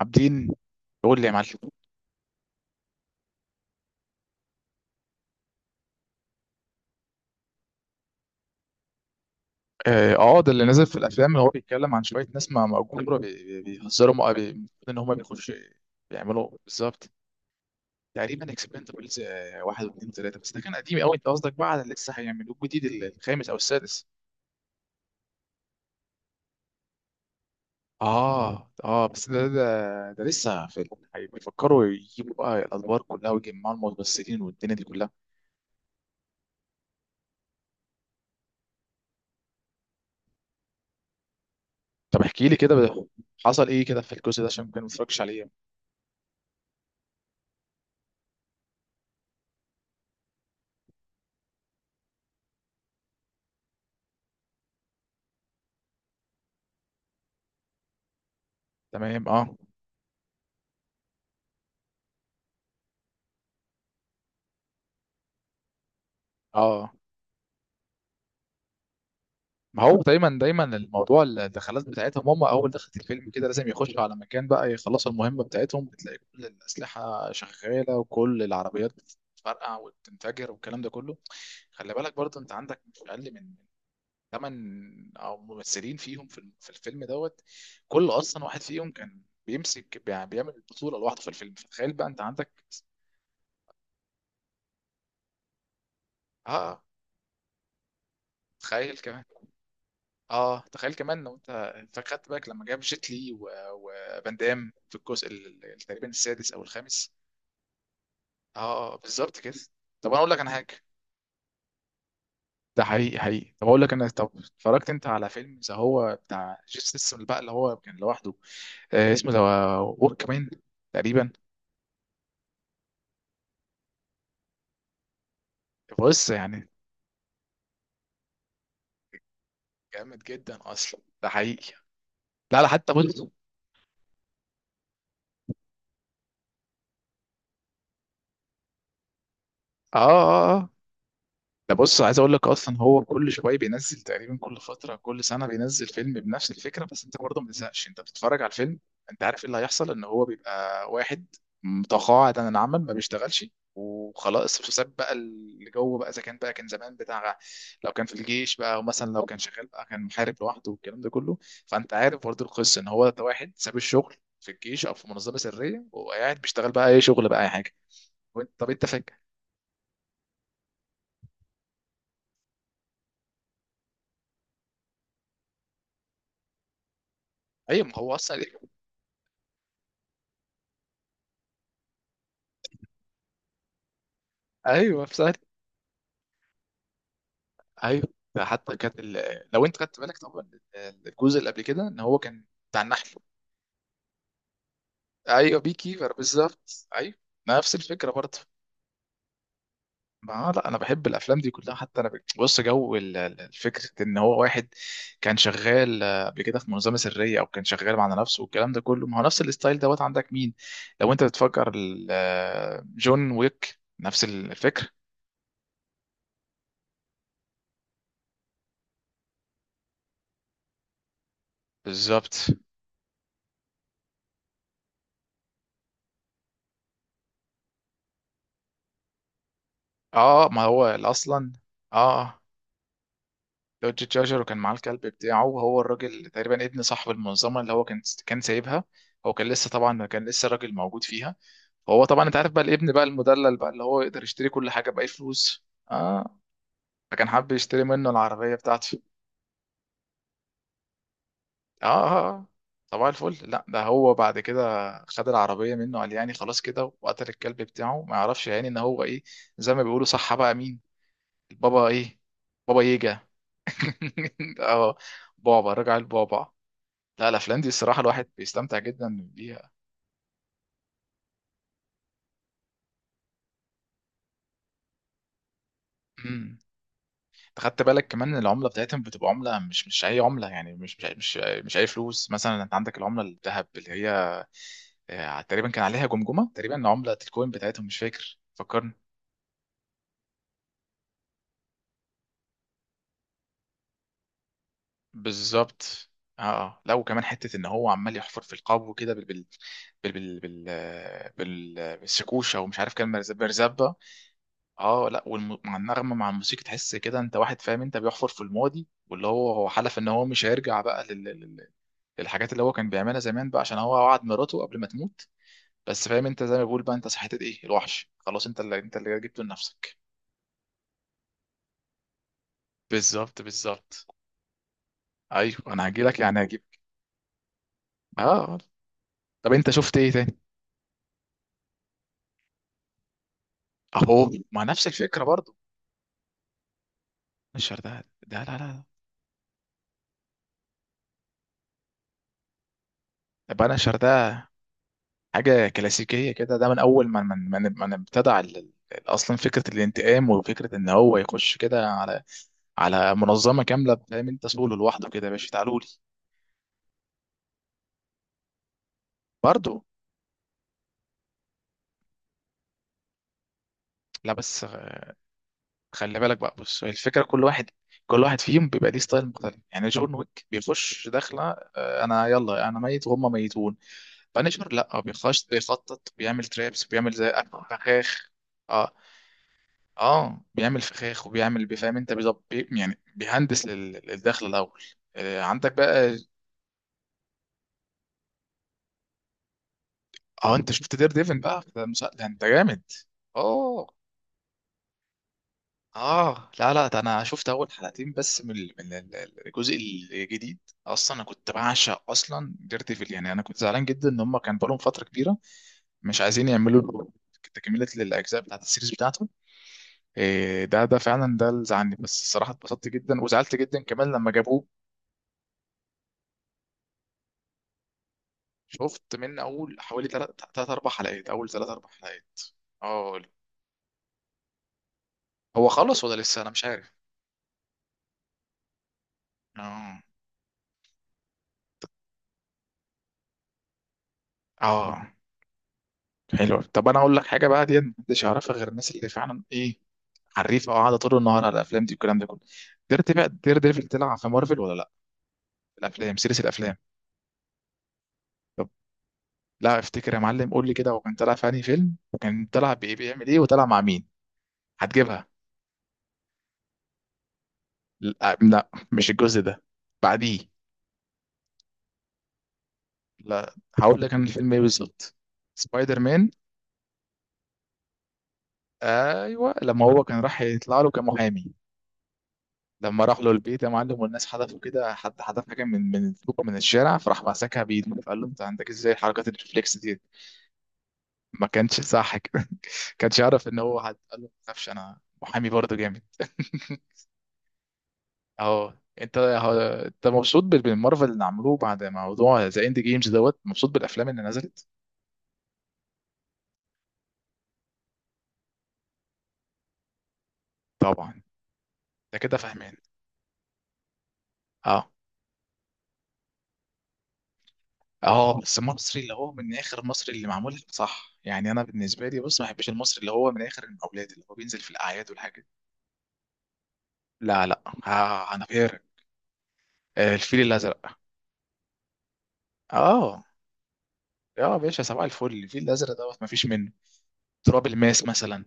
عابدين. يقول لي يا معلم. ده اللي نزل في الافلام اللي هو بيتكلم عن شويه ناس ما مأجورة بيهزروا المفروض ان هم بيخشوا بيعملوا بالظبط. تقريبا اكسبندبلز واحد واثنين وثلاثه، بس ده كان قديم قوي. انت قصدك بقى على اللي لسه هيعملوه جديد الخامس او السادس؟ اه بس ده لسه في بيفكروا يجيبوا بقى الادوار كلها ويجمعوا الممثلين والدنيا دي كلها. طب احكي لي كده، حصل ايه كده في الجزء ده عشان ممكن ما اتفرجش عليه. تمام اه ما هو دايما دايما الموضوع الدخلات بتاعتهم، هم اول دخلت الفيلم كده لازم يخشوا على مكان بقى يخلصوا المهمه بتاعتهم، بتلاقي كل الاسلحه شغاله وكل العربيات بتتفرقع وبتنفجر والكلام ده كله. خلي بالك برضه انت عندك مش اقل من ثمان او ممثلين فيهم في الفيلم دوت. كل اصلا واحد فيهم كان بيمسك بيعمل بطوله لوحده في الفيلم، فتخيل بقى انت عندك. اه تخيل كمان اه تخيل كمان لو انت خدت بالك لما جاب جيت لي وفان دام في الجزء تقريبا السادس او الخامس. اه بالظبط كده. طب انا اقول لك انا حاجه. ده حقيقي حقيقي. طب اقول لك انا، طب اتفرجت انت على فيلم ذا هو بتاع جيسون ستاثام بقى اللي هو كان لوحده؟ اسمه ذا ورك مان تقريبا. بص يعني جامد جدا اصلا، ده حقيقي. لا لا، حتى بص. اه اه آه. ده بص، عايز اقول لك اصلا هو كل شويه بينزل، تقريبا كل فتره كل سنه بينزل فيلم بنفس الفكره، بس انت برضه ما بتزهقش، انت بتتفرج على الفيلم. انت عارف ايه اللي هيحصل؟ ان هو بيبقى واحد متقاعد عن العمل ما بيشتغلش وخلاص، وساب بقى اللي جوه بقى، اذا كان بقى كان زمان بتاع، لو كان في الجيش بقى او مثلا لو كان شغال بقى كان محارب لوحده والكلام ده كله. فانت عارف برضه القصه ان هو ده واحد ساب الشغل في الجيش او في منظمه سريه، وقاعد بيشتغل بقى اي شغل بقى اي حاجه. وانت طب انت فاكر؟ ايوه ما هو اصلا ايوه ايوه. ده حتى كانت ال... لو انت خدت بالك طبعا، الجزء اللي قبل كده ان هو كان بتاع النحل. ايوه بي كيفر بالظبط ايوه. نفس الفكره برضه. ما لا انا بحب الافلام دي كلها. حتى انا بص، جو الفكره ان هو واحد كان شغال قبل كده في منظمه سريه، او كان شغال مع نفسه والكلام ده كله. ما هو نفس الستايل دوت. عندك مين لو انت بتفكر جون ويك نفس الفكره. بالظبط. اه ما هو اصلا. اه آه. دوج جاجر، وكان معاه الكلب بتاعه، وهو الراجل تقريبا ابن صاحب المنظمه اللي هو كان كان سايبها. هو كان لسه طبعا، كان لسه الراجل موجود فيها. وهو طبعا انت عارف بقى الابن بقى المدلل بقى اللي هو يقدر يشتري كل حاجه باي فلوس. اه. فكان حابب يشتري منه العربيه بتاعته. اه اه آه. طبعا الفل، لا ده هو بعد كده خد العربيه منه، قال يعني خلاص كده، وقتل الكلب بتاعه، ما يعرفش يعني ان هو ايه. زي ما بيقولوا صح بقى، مين البابا ايه، بابا ييجا. اه، بابا رجع البابا. لا الافلام دي الصراحه الواحد بيستمتع جدا بيها. امم، أنت خدت بالك كمان ان العمله بتاعتهم بتبقى عمله، مش مش اي عمله يعني، مش اي فلوس. مثلا انت عندك العمله الذهب اللي هي تقريبا كان عليها جمجمه، تقريبا عمله الكوين بتاعتهم مش فاكر، فكرني. بالظبط. لا وكمان حته ان هو عمال يحفر في القبو كده بالسكوشه، ومش عارف كان مرزبه. اه لا مع النغمه مع الموسيقى تحس كده انت، واحد فاهم انت بيحفر في الماضي، واللي هو هو حلف ان هو مش هيرجع بقى للحاجات اللي هو كان بيعملها زمان بقى عشان هو وعد مراته قبل ما تموت. بس فاهم انت زي ما بيقول بقى، انت صحيت ايه الوحش، خلاص انت اللي انت اللي جبته لنفسك. بالظبط بالظبط. ايوه انا هجيلك يعني هجيب. اه. طب انت شفت ايه تاني؟ اهو مع نفس الفكره برضو. الشردقه ده. لا لا لا. طب انا الشردقه حاجة كلاسيكية كده. ده من أول ما من من من ابتدع أصلا فكرة الانتقام، وفكرة إن هو يخش كده على منظمة كاملة، فاهم أنت، سوله لوحده كده يا باشا، تعالوا لي. برضه لا بس خلي بالك بقى بص، هي الفكرة كل واحد، كل واحد فيهم بيبقى ليه ستايل مختلف. يعني جون ويك بيخش داخلة أنا يلا، أنا ميت وهم ميتون. بانشر لا بيخش بيخطط، بيعمل ترابس، بيعمل زي أكل فخاخ. اه اه بيعمل فخاخ وبيعمل، بيفهم انت بيظبط يعني، بيهندس للدخل الاول. عندك بقى. اه انت شفت دير ديفن بقى؟ ده مش ده انت جامد. اه اه. لا لا ده انا شفت اول حلقتين بس من الجزء الجديد. اصلا انا كنت بعشق اصلا دير ديفل، يعني انا كنت زعلان جدا ان هم كان بقالهم فتره كبيره مش عايزين يعملوا له تكمله للاجزاء بتاعت السيريز بتاعته. إيه ده، ده فعلا ده اللي زعلني. بس الصراحه اتبسطت جدا وزعلت جدا كمان لما جابوه. شفت من اول حوالي تلات تلات اربع حلقات، اول تلات اربع حلقات. اه. هو خلص ولا لسه انا مش عارف. اه اه. حلو. طب انا اقول لك حاجه بقى، دي محدش يعرفها غير الناس اللي فعلا ايه، حريفه قاعده طول النهار على الافلام دي والكلام ده كله. دير بقى، دير ديفل طلع في مارفل ولا لا؟ الافلام سيريس الافلام. طب لا افتكر يا معلم، قول لي كده، هو كان طلع في انهي فيلم؟ وكان طلع بايه بيعمل ايه؟ وطلع مع مين؟ هتجيبها. لا، لا مش الجزء ده، بعديه. لا هقول لك انا الفيلم ايه بالظبط. سبايدر مان. ايوه لما هو كان راح يطلع له كمحامي. لما راح له البيت يا معلم، والناس حدفوا كده، حد حدف حاجه من الفوق من الشارع، فراح مسكها بايده، فقال له انت عندك ازاي حركات الريفلكس دي؟ ما كانش صح كده. كانش يعرف ان هو حد قال له ما تخافش، انا محامي برضه جامد. اهو. انت انت مبسوط بالمارفل اللي عملوه بعد موضوع ذا اند جيمز دوت؟ مبسوط بالافلام اللي نزلت؟ طبعا. انت كده فاهمان. اه اه بس المصري اللي هو من اخر، المصري اللي معمول صح يعني، انا بالنسبه لي بص ما بحبش المصري اللي هو من اخر المقاولات اللي هو بينزل في الاعياد والحاجات. لا لا، انا فاكر. الفيل الازرق. اه يا باشا صباح الفل، الفيل الازرق دوت ما فيش منه. تراب الماس مثلا.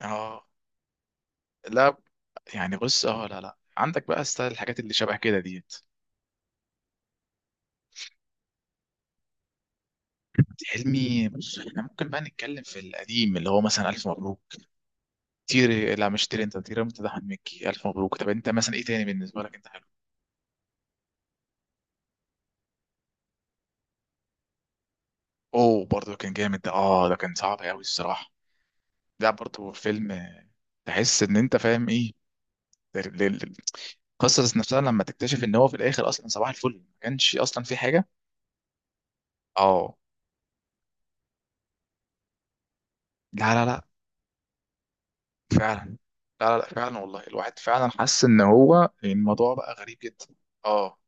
اه لا يعني بص. اه لا لا عندك بقى ستايل الحاجات اللي شبه كده ديت. حلمي بص، احنا ممكن بقى نتكلم في القديم اللي هو مثلا الف مبروك. تيري، لا مش تيري، انت تيري، انت ده أحمد مكي الف مبروك. طب انت مثلا ايه تاني بالنسبه لك انت؟ اوه برضه كان جامد ده. اه ده كان صعب قوي الصراحه. ده برضه فيلم تحس ان انت فاهم ايه ال- ال- القصه نفسها، لما تكتشف ان هو في الاخر اصلا صباح الفل ما كانش اصلا في حاجه. اه. لا لا لا، فعلا. لا لا لا، فعلا والله. الواحد فعلا حس ان هو الموضوع بقى غريب جدا. اه.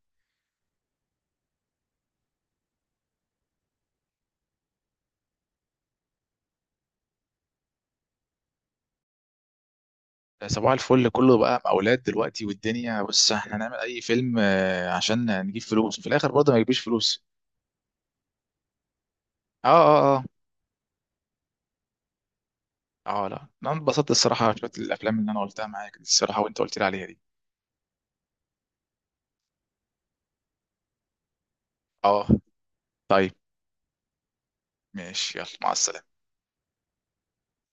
ده صباح الفل كله بقى اولاد دلوقتي والدنيا، بص احنا هنعمل اي فيلم عشان نجيب فلوس في الاخر برضه ما يجيبش فلوس. اه اه آه. اه لا انا انبسطت الصراحه شويه، الافلام اللي انا قلتها معاك دي الصراحه وانت قلت لي عليها دي. اه. طيب ماشي، يلا مع السلامه.